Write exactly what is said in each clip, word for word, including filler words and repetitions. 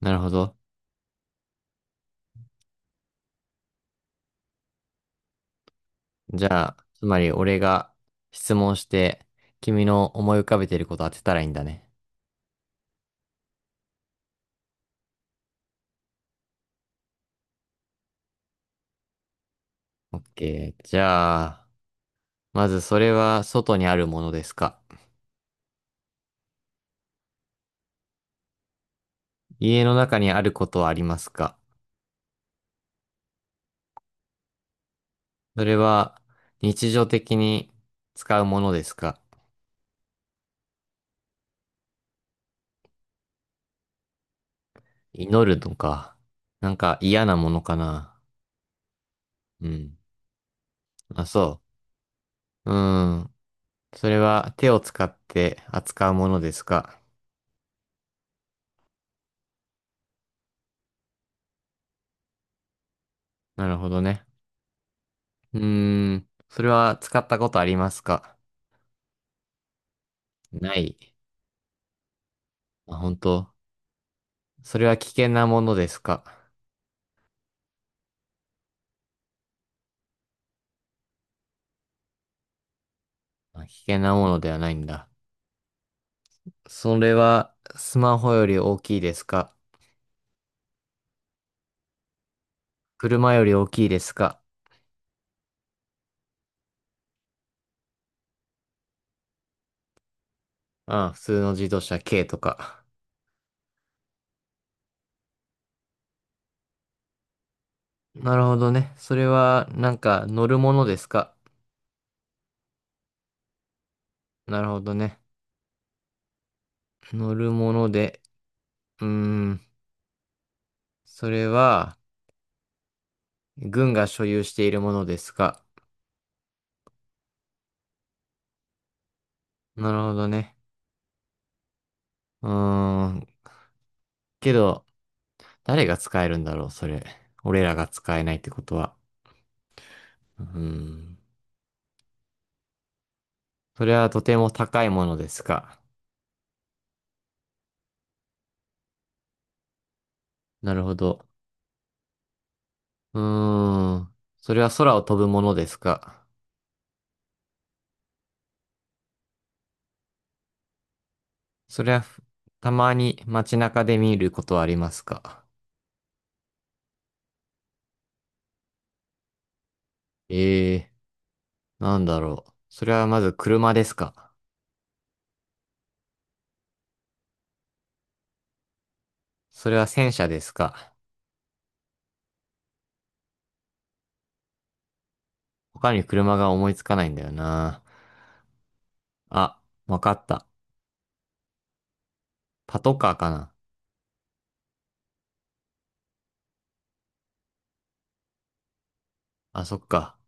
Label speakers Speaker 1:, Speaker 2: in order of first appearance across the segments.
Speaker 1: なるほど。じゃあ、つまり俺が質問して、君の思い浮かべてること当てたらいいんだね。オッケー。じゃあ、まずそれは外にあるものですか？家の中にあることはありますか？それは日常的に使うものですか？祈るのか？なんか嫌なものかな？うん。あ、そう。うーん。それは手を使って扱うものですか？なるほどね。うーん。それは使ったことありますか？ない。あ、本当。それは危険なものですか？あ、危険なものではないんだ。それはスマホより大きいですか？車より大きいですか？あ、普通の自動車軽とか。なるほどね。それはなんか乗るものですか？なるほどね。乗るもので、うーん。それは軍が所有しているものですか？なるほどね。うーん。けど、誰が使えるんだろう、それ。俺らが使えないってことは。うーん。それはとても高いものですか。なるほど。うーん。それは空を飛ぶものですか。それはふ、たまに街中で見ることはありますか。ええー、なんだろう。それはまず車ですか。それは戦車ですか。他に車が思いつかないんだよな。あ、わかった。パトカーかな。あ、そっか。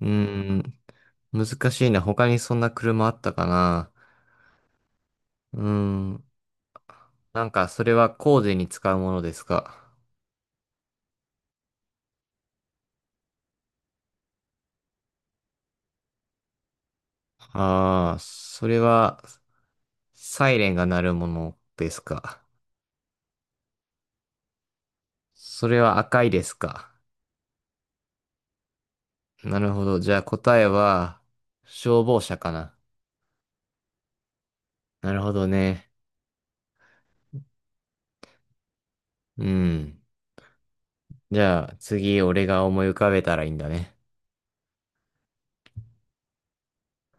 Speaker 1: うーん。難しいな。他にそんな車あったかな。うーん。なんか、それは工事に使うものですか？ああー、それは、サイレンが鳴るものですか？それは赤いですか？なるほど。じゃあ答えは、消防車かな。なるほどね。うん。じゃあ、次、俺が思い浮かべたらいいんだね。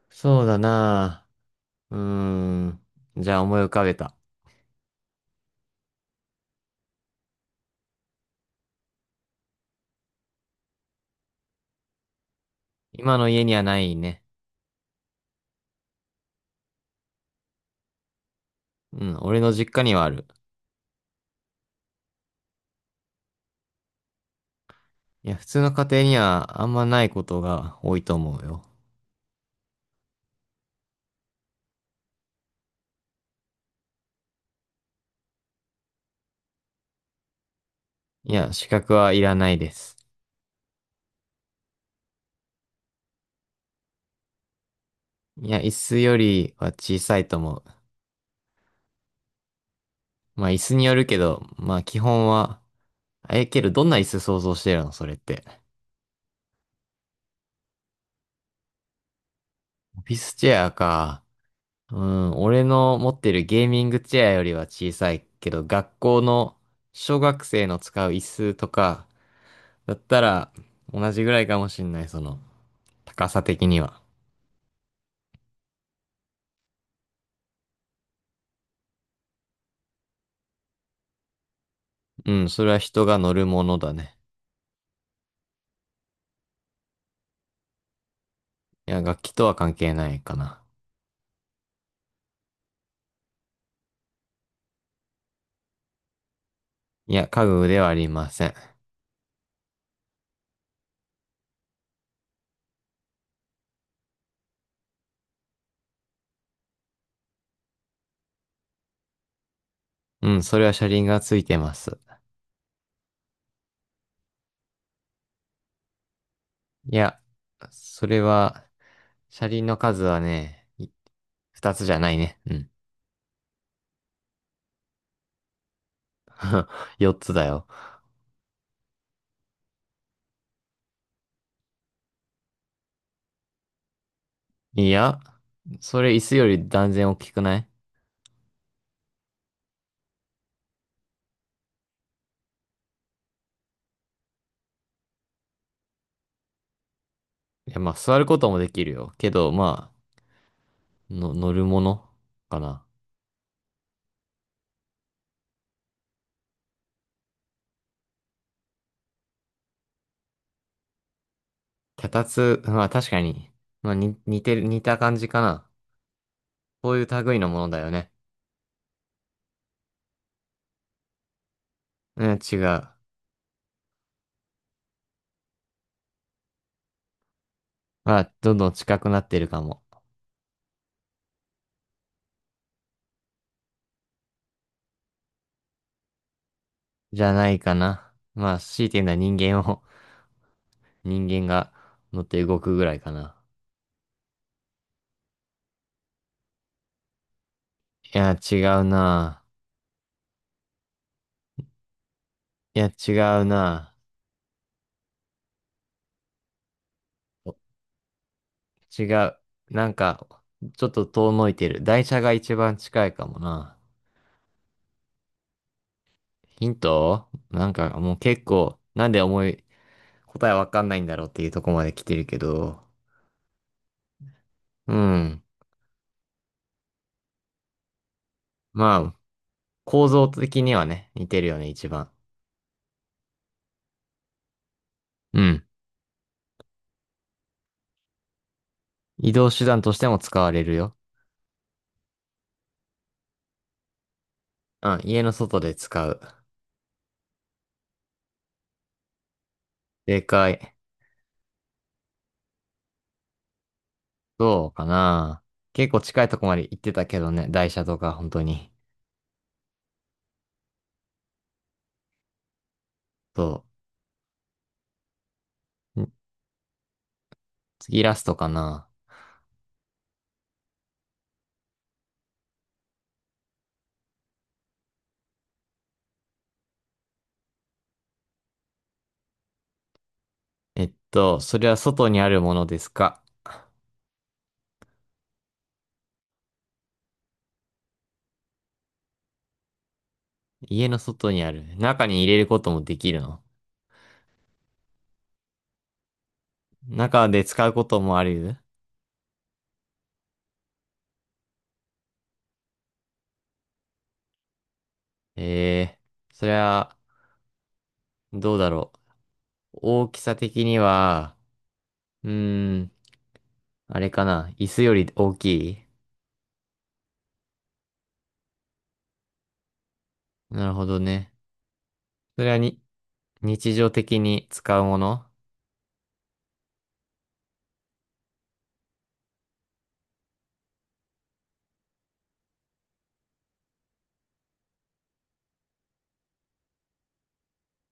Speaker 1: そうだなあ。うーん。じゃあ、思い浮かべた。今の家にはないね。うん、俺の実家にはある。いや、普通の家庭にはあんまないことが多いと思うよ。いや、資格はいらないです。いや、椅子よりは小さいと思う。まあ、椅子によるけど、まあ、基本は。え、けど、どんな椅子想像してるのそれって。オフィスチェアか。うん、俺の持ってるゲーミングチェアよりは小さいけど、学校の小学生の使う椅子とか、だったら同じぐらいかもしんない、その、高さ的には。うん、それは人が乗るものだね。いや、楽器とは関係ないかな。いや、家具ではありません。うん、それは車輪がついてます。いや、それは、車輪の数はね、い二つじゃないね。うん。四つだよ。いや、それ椅子より断然大きくない？いや、まあ、座ることもできるよ。けど、まあ、の、乗るものかな。脚立、まあ確かに、まあに、似てる、似た感じかな。こういう類のものだよね。うん、違う。まあ、どんどん近くなってるかも。じゃないかな。まあ、強いて言うのは人間を、人間が乗って動くぐらいかな。いや、違うな。いや、違うな。お。違う。なんか、ちょっと遠のいてる。台車が一番近いかもな。ヒントなんかもう結構、なんで思い、答えわかんないんだろうっていうとこまで来てるけど。うん。まあ、構造的にはね、似てるよね、一番。うん。移動手段としても使われるよ。うん、家の外で使う。正解。そうかな。結構近いとこまで行ってたけどね、台車とか、本当に。そう。ん次ラストかな。えっと、それは外にあるものですか？家の外にある。中に入れることもできるの？中で使うこともある？えー、それは、どうだろう。大きさ的には、うーん、あれかな。椅子より大きい？なるほどね。それはに、日常的に使うもの？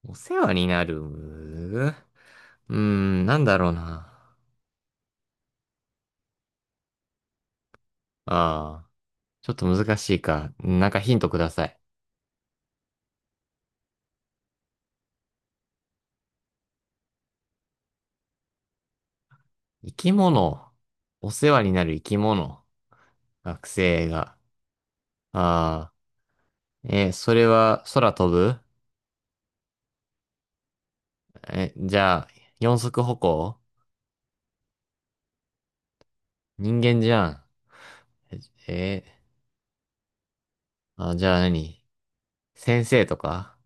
Speaker 1: お世話になる？うーん、なんだろうな。ああ、ちょっと難しいか。なんかヒントください。生き物。お世話になる生き物。学生が。ああ、えー、それは空飛ぶ？え、じゃあ、四足歩行？人間じゃん。え、えーあ、じゃあ何？先生とか？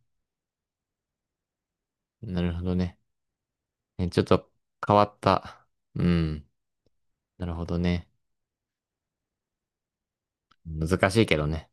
Speaker 1: なるほどね。え、ちょっと変わった。うん。なるほどね。難しいけどね。